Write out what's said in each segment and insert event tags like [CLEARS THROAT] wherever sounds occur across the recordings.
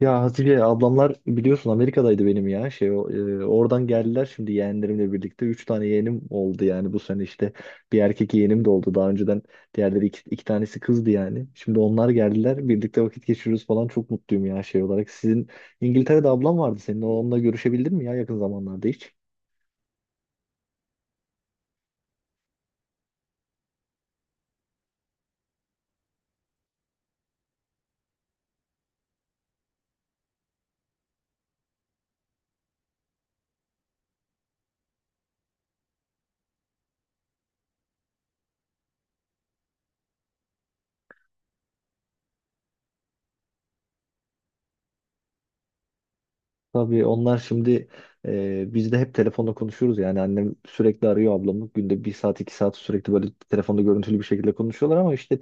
Ya Hatice ablamlar biliyorsun Amerika'daydı benim ya şey oradan geldiler. Şimdi yeğenlerimle birlikte 3 tane yeğenim oldu yani bu sene işte bir erkek yeğenim de oldu daha önceden. Diğerleri iki tanesi kızdı yani şimdi onlar geldiler, birlikte vakit geçiriyoruz falan, çok mutluyum ya. Şey olarak, sizin İngiltere'de ablam vardı, senin onunla görüşebildin mi ya yakın zamanlarda hiç? Tabii onlar şimdi biz de hep telefonla konuşuyoruz yani. Annem sürekli arıyor ablamı, günde 1 saat 2 saat, sürekli böyle telefonda görüntülü bir şekilde konuşuyorlar. Ama işte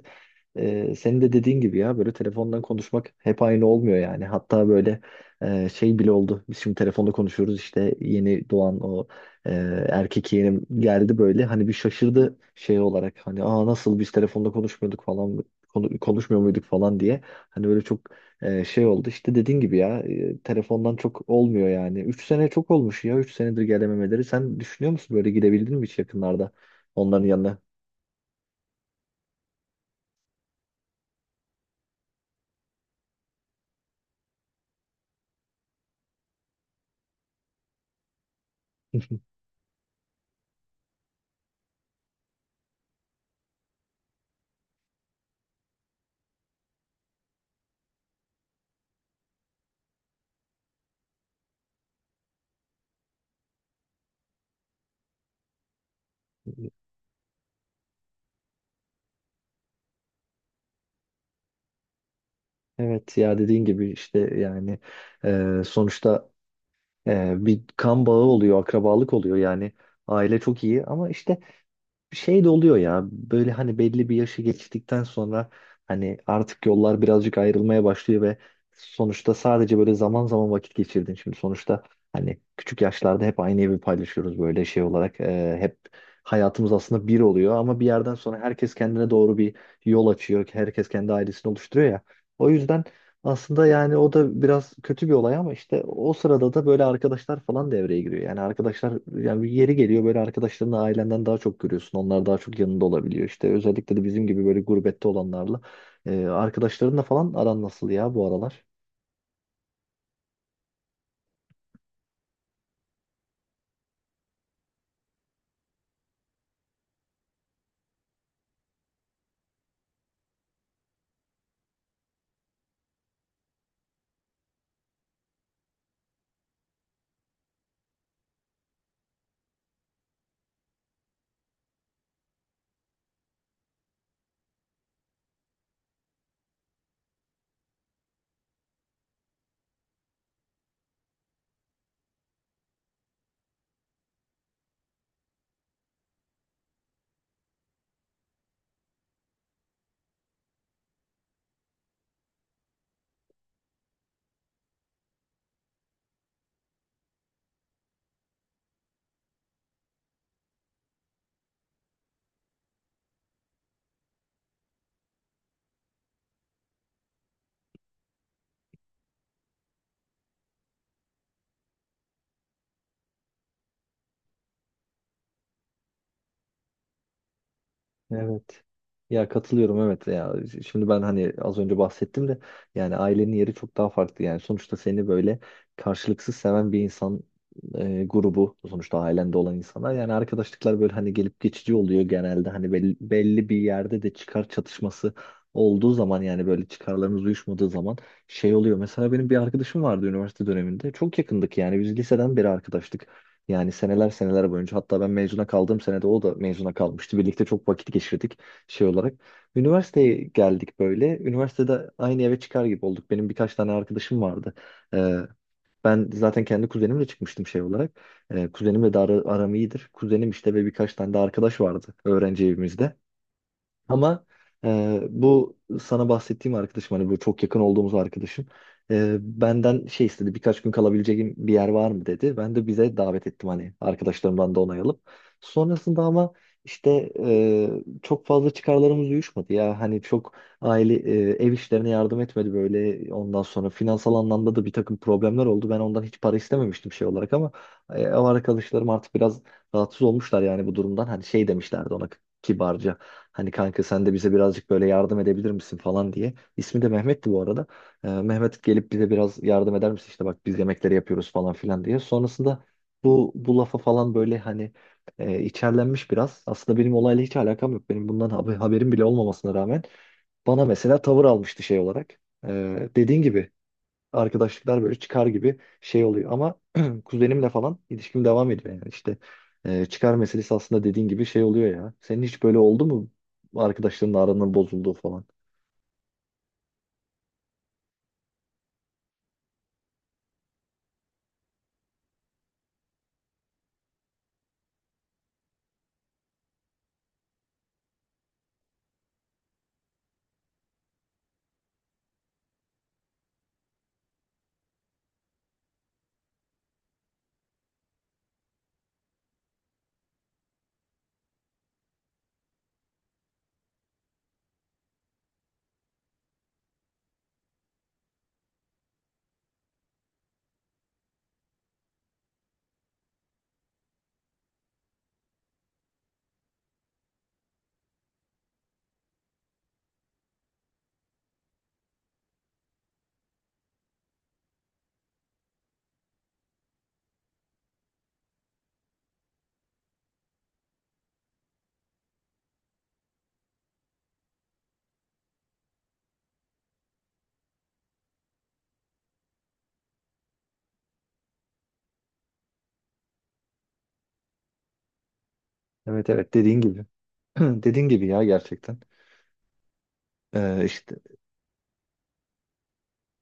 senin de dediğin gibi ya, böyle telefondan konuşmak hep aynı olmuyor yani. Hatta böyle şey bile oldu, biz şimdi telefonda konuşuyoruz işte, yeni doğan o e, erkek yeğenim geldi böyle, hani bir şaşırdı şey olarak, hani aa nasıl biz telefonda konuşmuyorduk falan konuşmuyor muyduk falan diye. Hani böyle çok şey oldu işte dediğin gibi ya, telefondan çok olmuyor yani. 3 sene çok olmuş ya, 3 senedir gelememeleri. Sen düşünüyor musun, böyle gidebildin mi hiç yakınlarda onların yanına? [LAUGHS] Evet ya dediğin gibi işte yani sonuçta bir kan bağı oluyor, akrabalık oluyor yani. Aile çok iyi ama işte şey de oluyor ya, böyle hani belli bir yaşı geçtikten sonra hani artık yollar birazcık ayrılmaya başlıyor ve sonuçta sadece böyle zaman zaman vakit geçirdin. Şimdi sonuçta hani küçük yaşlarda hep aynı evi paylaşıyoruz böyle şey olarak. Hep hayatımız aslında bir oluyor ama bir yerden sonra herkes kendine doğru bir yol açıyor. Herkes kendi ailesini oluşturuyor ya. O yüzden aslında yani o da biraz kötü bir olay, ama işte o sırada da böyle arkadaşlar falan devreye giriyor. Yani arkadaşlar, yani bir yeri geliyor böyle, arkadaşlarını ailenden daha çok görüyorsun. Onlar daha çok yanında olabiliyor. İşte özellikle de bizim gibi böyle gurbette olanlarla. Arkadaşlarınla falan aran nasıl ya bu aralar? Evet. Ya katılıyorum, evet ya. Şimdi ben hani az önce bahsettim de yani ailenin yeri çok daha farklı yani. Sonuçta seni böyle karşılıksız seven bir insan grubu, sonuçta ailende olan insanlar. Yani arkadaşlıklar böyle hani gelip geçici oluyor genelde, hani belli bir yerde de çıkar çatışması olduğu zaman, yani böyle çıkarlarımız uyuşmadığı zaman şey oluyor. Mesela benim bir arkadaşım vardı üniversite döneminde. Çok yakındık yani, biz liseden beri arkadaştık. Yani seneler seneler boyunca, hatta ben mezuna kaldığım senede o da mezuna kalmıştı. Birlikte çok vakit geçirdik şey olarak. Üniversiteye geldik böyle. Üniversitede aynı eve çıkar gibi olduk. Benim birkaç tane arkadaşım vardı. Ee, Ben zaten kendi kuzenimle çıkmıştım şey olarak. Kuzenimle de aram iyidir. Kuzenim işte, ve birkaç tane de arkadaş vardı öğrenci evimizde. Ama bu sana bahsettiğim arkadaşım, hani bu çok yakın olduğumuz arkadaşım, benden şey istedi, birkaç gün kalabileceğim bir yer var mı dedi. Ben de bize davet ettim, hani arkadaşlarımdan da onay alıp. Sonrasında ama işte çok fazla çıkarlarımız uyuşmadı ya, hani çok ev işlerine yardım etmedi böyle. Ondan sonra finansal anlamda da bir takım problemler oldu. Ben ondan hiç para istememiştim şey olarak, ama ev arkadaşlarım artık biraz rahatsız olmuşlar yani bu durumdan. Hani şey demişlerdi ona kibarca. Hani kanka sen de bize birazcık böyle yardım edebilir misin falan diye. İsmi de Mehmet'ti bu arada. Mehmet gelip bize biraz yardım eder misin, işte bak biz yemekleri yapıyoruz falan filan diye. Sonrasında bu lafa falan böyle hani içerlenmiş biraz. Aslında benim olayla hiç alakam yok. Benim bundan haberim bile olmamasına rağmen bana mesela tavır almıştı şey olarak. Dediğin gibi arkadaşlıklar böyle çıkar gibi şey oluyor. Ama [CLEARS THROAT] kuzenimle falan ilişkim devam ediyor yani işte çıkar meselesi aslında dediğin gibi şey oluyor ya. Senin hiç böyle oldu mu, arkadaşlarınla aranın bozulduğu falan? Evet evet, dediğin gibi. [CLEARS THROAT] Dediğin gibi ya, gerçekten. İşte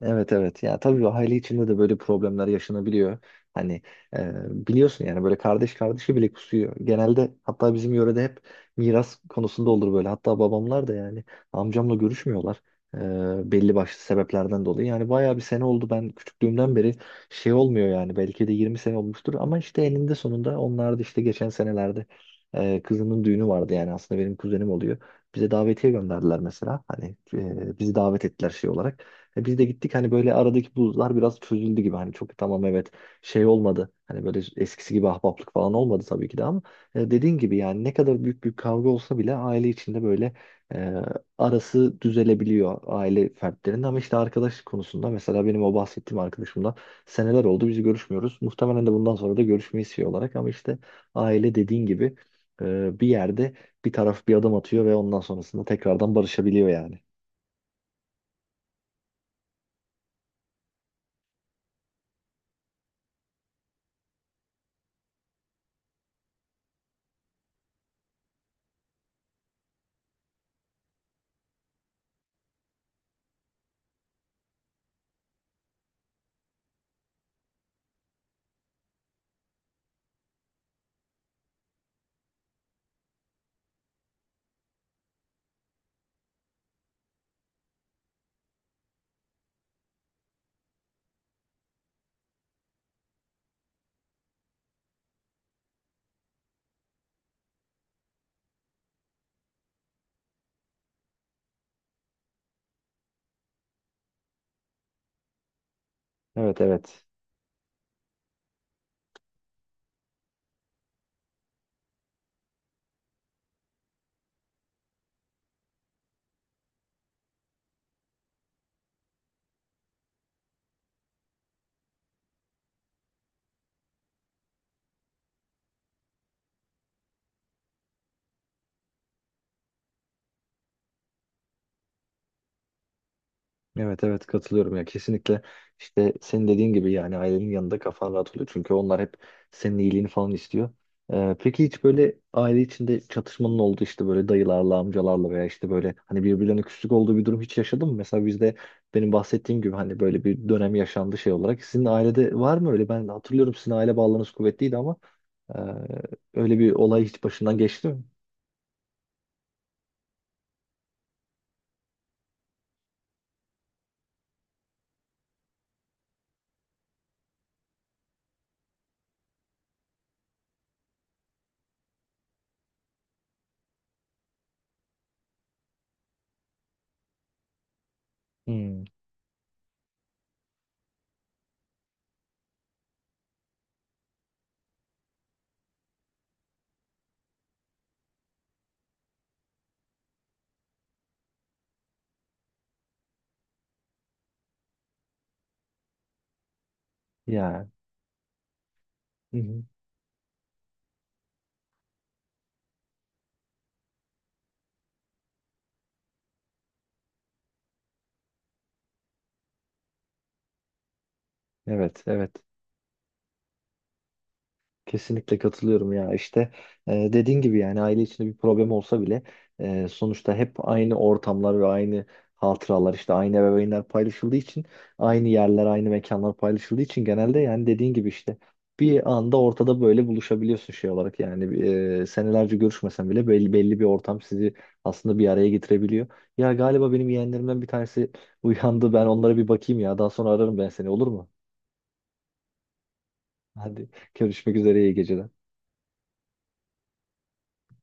Evet evet ya, tabii aile içinde de böyle problemler yaşanabiliyor. Hani e, biliyorsun yani böyle kardeş kardeşi bile kusuyor genelde. Hatta bizim yörede hep miras konusunda olur böyle. Hatta babamlar da yani amcamla görüşmüyorlar, belli başlı sebeplerden dolayı. Yani bayağı bir sene oldu, ben küçüklüğümden beri şey olmuyor yani, belki de 20 sene olmuştur. Ama işte eninde sonunda onlar da işte geçen senelerde kızının düğünü vardı, yani aslında benim kuzenim oluyor. Bize davetiye gönderdiler mesela. Hani bizi davet ettiler şey olarak. E, biz de gittik, hani böyle aradaki buzlar biraz çözüldü gibi, hani çok tamam evet şey olmadı, hani böyle eskisi gibi ahbaplık falan olmadı tabii ki de. Ama dediğin gibi yani ne kadar büyük bir kavga olsa bile aile içinde böyle e, arası düzelebiliyor aile fertlerinin. Ama işte arkadaş konusunda, mesela benim o bahsettiğim arkadaşımla seneler oldu, biz görüşmüyoruz. Muhtemelen de bundan sonra da görüşmeyi şey olarak. Ama işte aile dediğin gibi bir yerde bir taraf bir adım atıyor ve ondan sonrasında tekrardan barışabiliyor yani. Evet evet. Evet evet, katılıyorum ya kesinlikle. İşte senin dediğin gibi yani ailenin yanında kafan rahat oluyor çünkü onlar hep senin iyiliğini falan istiyor. Peki hiç böyle aile içinde çatışmanın olduğu, işte böyle dayılarla amcalarla veya işte böyle hani birbirlerine küslük olduğu bir durum hiç yaşadın mı? Mesela bizde benim bahsettiğim gibi hani böyle bir dönem yaşandı şey olarak. Sizin ailede var mı öyle? Ben hatırlıyorum sizin aile bağlarınız kuvvetliydi, ama e, öyle bir olay hiç başından geçti mi? Hmm. Ya. Hı hı. Evet evet. Kesinlikle katılıyorum ya, işte dediğin gibi yani aile içinde bir problem olsa bile sonuçta hep aynı ortamlar ve aynı hatıralar, işte aynı ebeveynler paylaşıldığı için, aynı yerler aynı mekanlar paylaşıldığı için genelde yani dediğin gibi işte bir anda ortada böyle buluşabiliyorsun şey olarak. Yani senelerce görüşmesen bile belli bir ortam sizi aslında bir araya getirebiliyor. Ya galiba benim yeğenlerimden bir tanesi uyandı, ben onlara bir bakayım, ya daha sonra ararım ben seni, olur mu? Hadi, görüşmek üzere, iyi geceler.